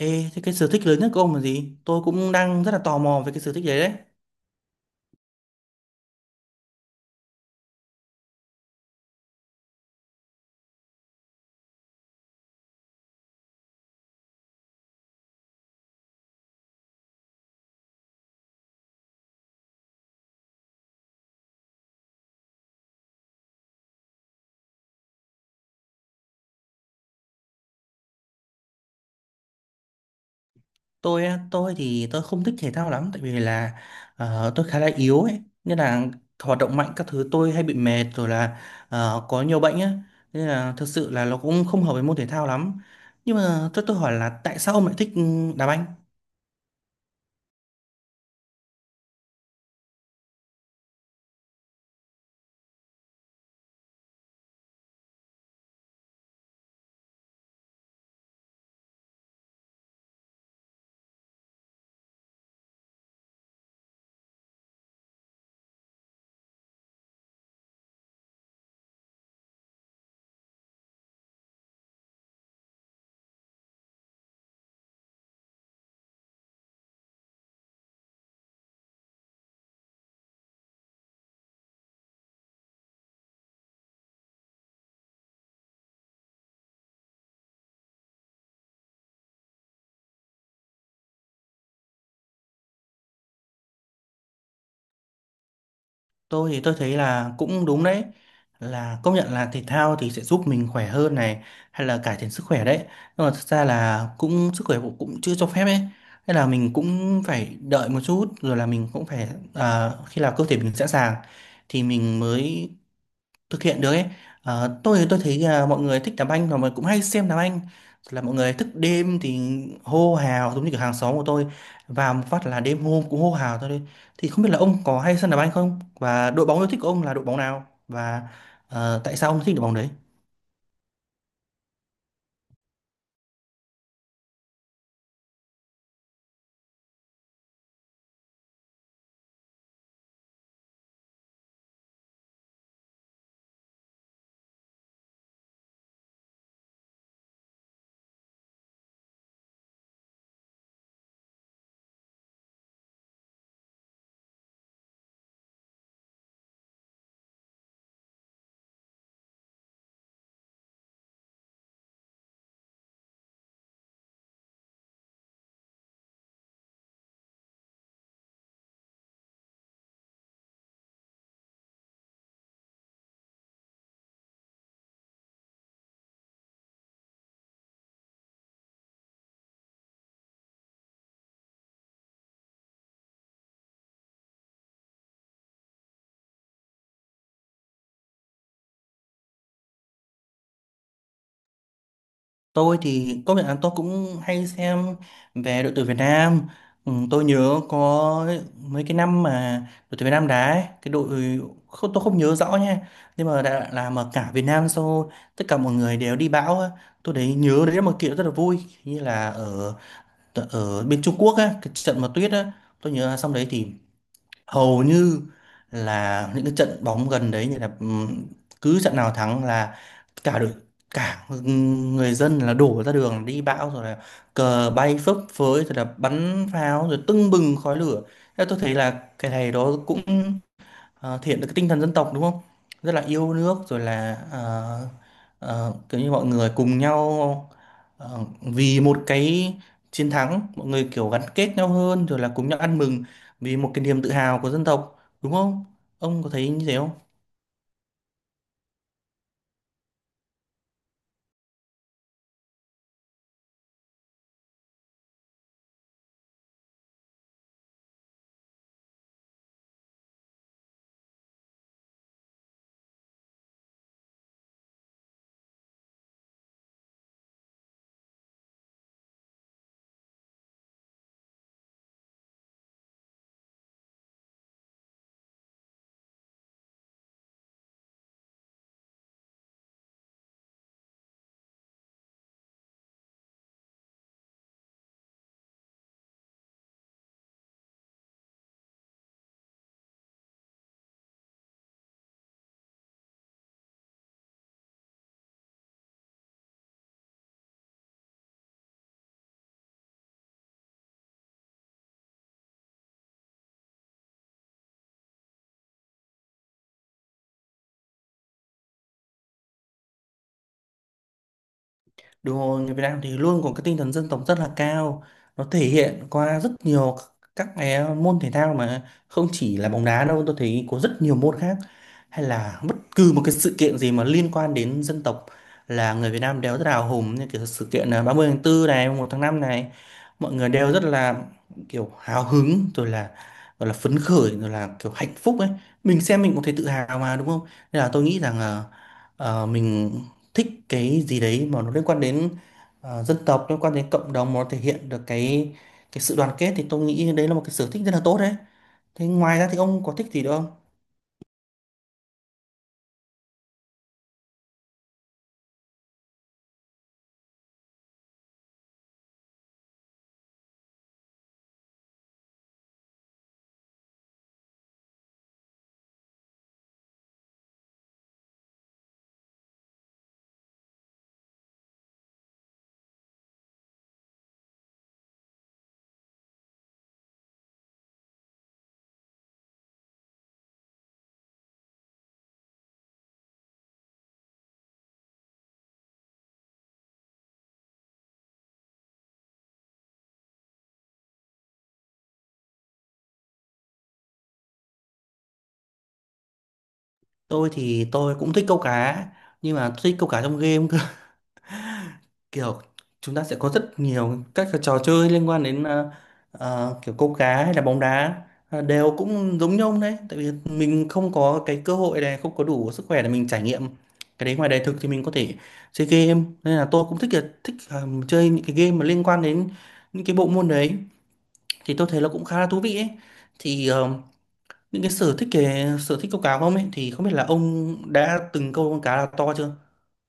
Ê, thế cái sở thích lớn nhất của ông là gì? Tôi cũng đang rất là tò mò về cái sở thích đấy đấy. Tôi á, tôi thì tôi không thích thể thao lắm tại vì là tôi khá là yếu ấy, nên là hoạt động mạnh các thứ tôi hay bị mệt rồi là có nhiều bệnh á, nên là thật sự là nó cũng không hợp với môn thể thao lắm. Nhưng mà tôi hỏi là tại sao ông lại thích đá banh? Tôi thì tôi thấy là cũng đúng đấy, là công nhận là thể thao thì sẽ giúp mình khỏe hơn này, hay là cải thiện sức khỏe đấy, nhưng mà thực ra là cũng sức khỏe cũng cũng chưa cho phép ấy, nên là mình cũng phải đợi một chút rồi là mình cũng phải khi nào cơ thể mình sẵn sàng thì mình mới thực hiện được ấy. Tôi thì tôi thấy là mọi người thích đá banh và mọi người cũng hay xem đá banh, là mọi người thức đêm thì hô hào giống như kiểu hàng xóm của tôi, vào một phát là đêm hôm cũng hô hào thôi đấy. Thì không biết là ông có hay xem đá banh không, và đội bóng yêu thích của ông là đội bóng nào, và tại sao ông thích đội bóng đấy? Tôi thì công nhận là tôi cũng hay xem về đội tuyển Việt Nam. Ừ, tôi nhớ có mấy cái năm mà đội tuyển Việt Nam đá ấy, cái đội không, tôi không nhớ rõ nha, nhưng mà đã là mà cả Việt Nam sau, tất cả mọi người đều đi bão á. Tôi đấy nhớ đấy là một kiện rất là vui, như là ở ở bên Trung Quốc á, cái trận mà tuyết á, tôi nhớ là xong đấy thì hầu như là những cái trận bóng gần đấy, như là cứ trận nào thắng là cả đội, cả người dân là đổ ra đường đi bão, rồi là cờ bay phấp phới, rồi là bắn pháo, rồi tưng bừng khói lửa. Thế tôi thấy là cái này đó cũng thể hiện được cái tinh thần dân tộc đúng không, rất là yêu nước, rồi là kiểu như mọi người cùng nhau, vì một cái chiến thắng, mọi người kiểu gắn kết nhau hơn, rồi là cùng nhau ăn mừng vì một cái niềm tự hào của dân tộc, đúng không? Ông có thấy như thế không? Đúng rồi, người Việt Nam thì luôn có cái tinh thần dân tộc rất là cao. Nó thể hiện qua rất nhiều các cái môn thể thao, mà không chỉ là bóng đá đâu, tôi thấy có rất nhiều môn khác, hay là bất cứ một cái sự kiện gì mà liên quan đến dân tộc là người Việt Nam đều rất là hào hùng, như kiểu sự kiện 30 tháng 4 này, mùng 1 tháng 5 này, mọi người đều rất là kiểu hào hứng, rồi là gọi là phấn khởi, rồi là kiểu hạnh phúc ấy. Mình xem mình cũng thấy tự hào mà đúng không? Nên là tôi nghĩ rằng là mình thích cái gì đấy mà nó liên quan đến dân tộc, liên quan đến cộng đồng, mà nó thể hiện được cái sự đoàn kết, thì tôi nghĩ đấy là một cái sở thích rất là tốt đấy. Thế ngoài ra thì ông có thích gì nữa không? Tôi thì tôi cũng thích câu cá, nhưng mà tôi thích câu cá trong game, kiểu chúng ta sẽ có rất nhiều các cái trò chơi liên quan đến kiểu câu cá hay là bóng đá, đều cũng giống nhau đấy, tại vì mình không có cái cơ hội này, không có đủ sức khỏe để mình trải nghiệm cái đấy ngoài đời thực, thì mình có thể chơi game. Nên là tôi cũng thích là thích chơi những cái game mà liên quan đến những cái bộ môn đấy, thì tôi thấy nó cũng khá là thú vị ấy. Thì những cái sở thích câu cá của ông ấy, thì không biết là ông đã từng câu con cá nào to chưa?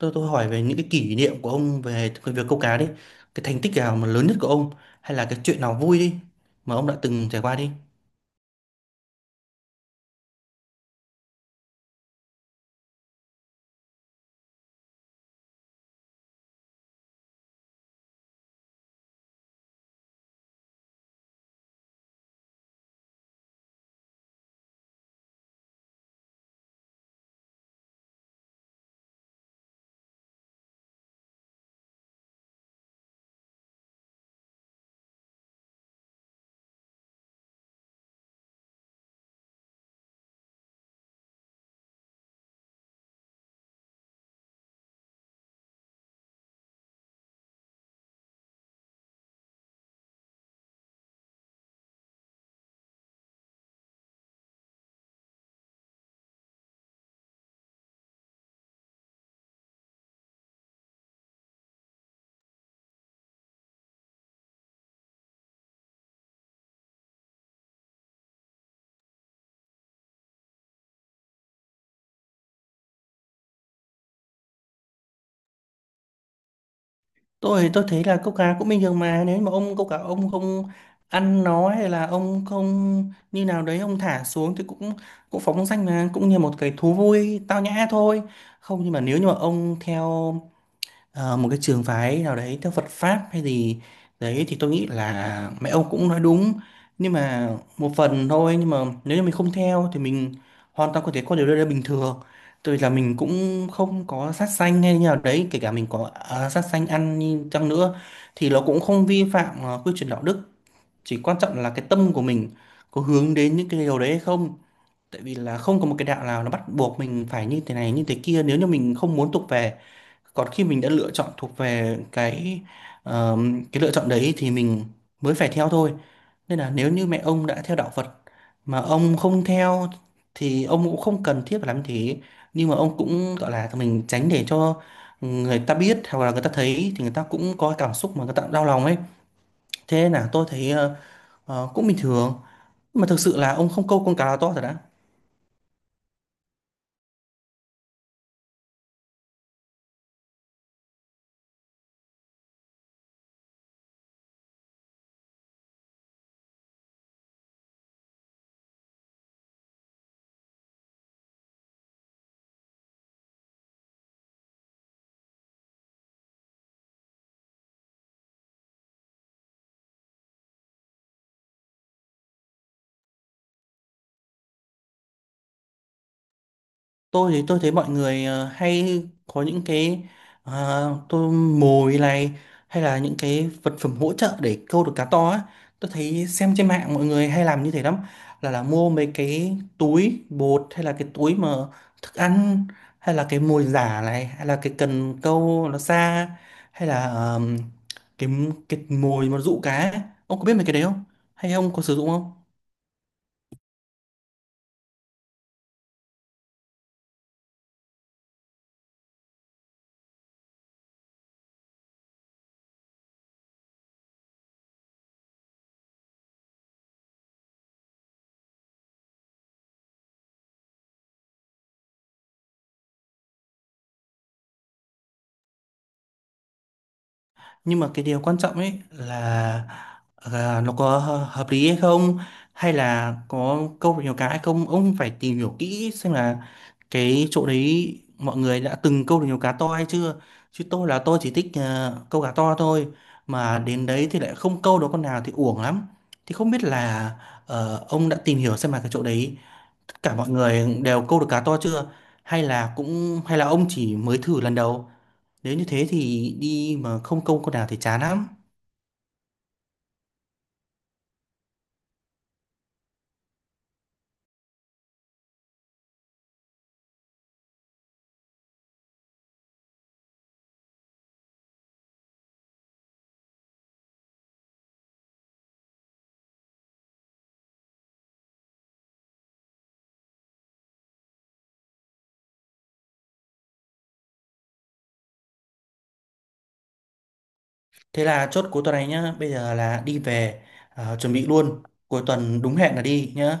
Tôi hỏi về những cái kỷ niệm của ông về cái việc câu cá đi. Cái thành tích nào mà lớn nhất của ông, hay là cái chuyện nào vui đi mà ông đã từng trải qua đi. Tôi thấy là câu cá cũng bình thường mà, nếu mà ông câu cá ông không ăn nó, hay là ông không như nào đấy ông thả xuống thì cũng cũng phóng danh mà, cũng như một cái thú vui tao nhã thôi. Không, nhưng mà nếu như mà ông theo một cái trường phái nào đấy, theo Phật pháp hay gì đấy, thì tôi nghĩ là mẹ ông cũng nói đúng, nhưng mà một phần thôi. Nhưng mà nếu như mình không theo thì mình hoàn toàn có thể có điều đó bình thường. Tôi là mình cũng không có sát sanh hay như nào đấy, kể cả mình có sát sanh ăn như chăng nữa thì nó cũng không vi phạm quy chuẩn đạo đức, chỉ quan trọng là cái tâm của mình có hướng đến những cái điều đấy hay không. Tại vì là không có một cái đạo nào nó bắt buộc mình phải như thế này như thế kia nếu như mình không muốn tục về, còn khi mình đã lựa chọn thuộc về cái lựa chọn đấy thì mình mới phải theo thôi. Nên là nếu như mẹ ông đã theo đạo Phật mà ông không theo thì ông cũng không cần thiết phải làm như thế, nhưng mà ông cũng gọi là mình tránh để cho người ta biết, hoặc là người ta thấy thì người ta cũng có cảm xúc mà người ta đau lòng ấy. Thế nên là tôi thấy cũng bình thường. Nhưng mà thực sự là ông không câu con cá là to thật đã. Tôi thì tôi thấy mọi người hay có những cái tôi mồi này, hay là những cái vật phẩm hỗ trợ để câu được cá to á, tôi thấy xem trên mạng mọi người hay làm như thế lắm, là mua mấy cái túi bột, hay là cái túi mà thức ăn, hay là cái mồi giả này, hay là cái cần câu nó xa, hay là cái mồi mà dụ cá ấy. Ông có biết mấy cái đấy không, hay ông có sử dụng không? Nhưng mà cái điều quan trọng ấy là nó có hợp lý hay không, hay là có câu nhiều cá hay không, ông phải tìm hiểu kỹ xem là cái chỗ đấy mọi người đã từng câu được nhiều cá to hay chưa. Chứ tôi là tôi chỉ thích câu cá to thôi, mà đến đấy thì lại không câu được con nào thì uổng lắm. Thì không biết là ông đã tìm hiểu xem là cái chỗ đấy tất cả mọi người đều câu được cá to chưa, hay là ông chỉ mới thử lần đầu, nếu như thế thì đi mà không câu con nào thì chán lắm. Thế là chốt cuối tuần này nhá, bây giờ là đi về chuẩn bị luôn, cuối tuần đúng hẹn là đi nhá.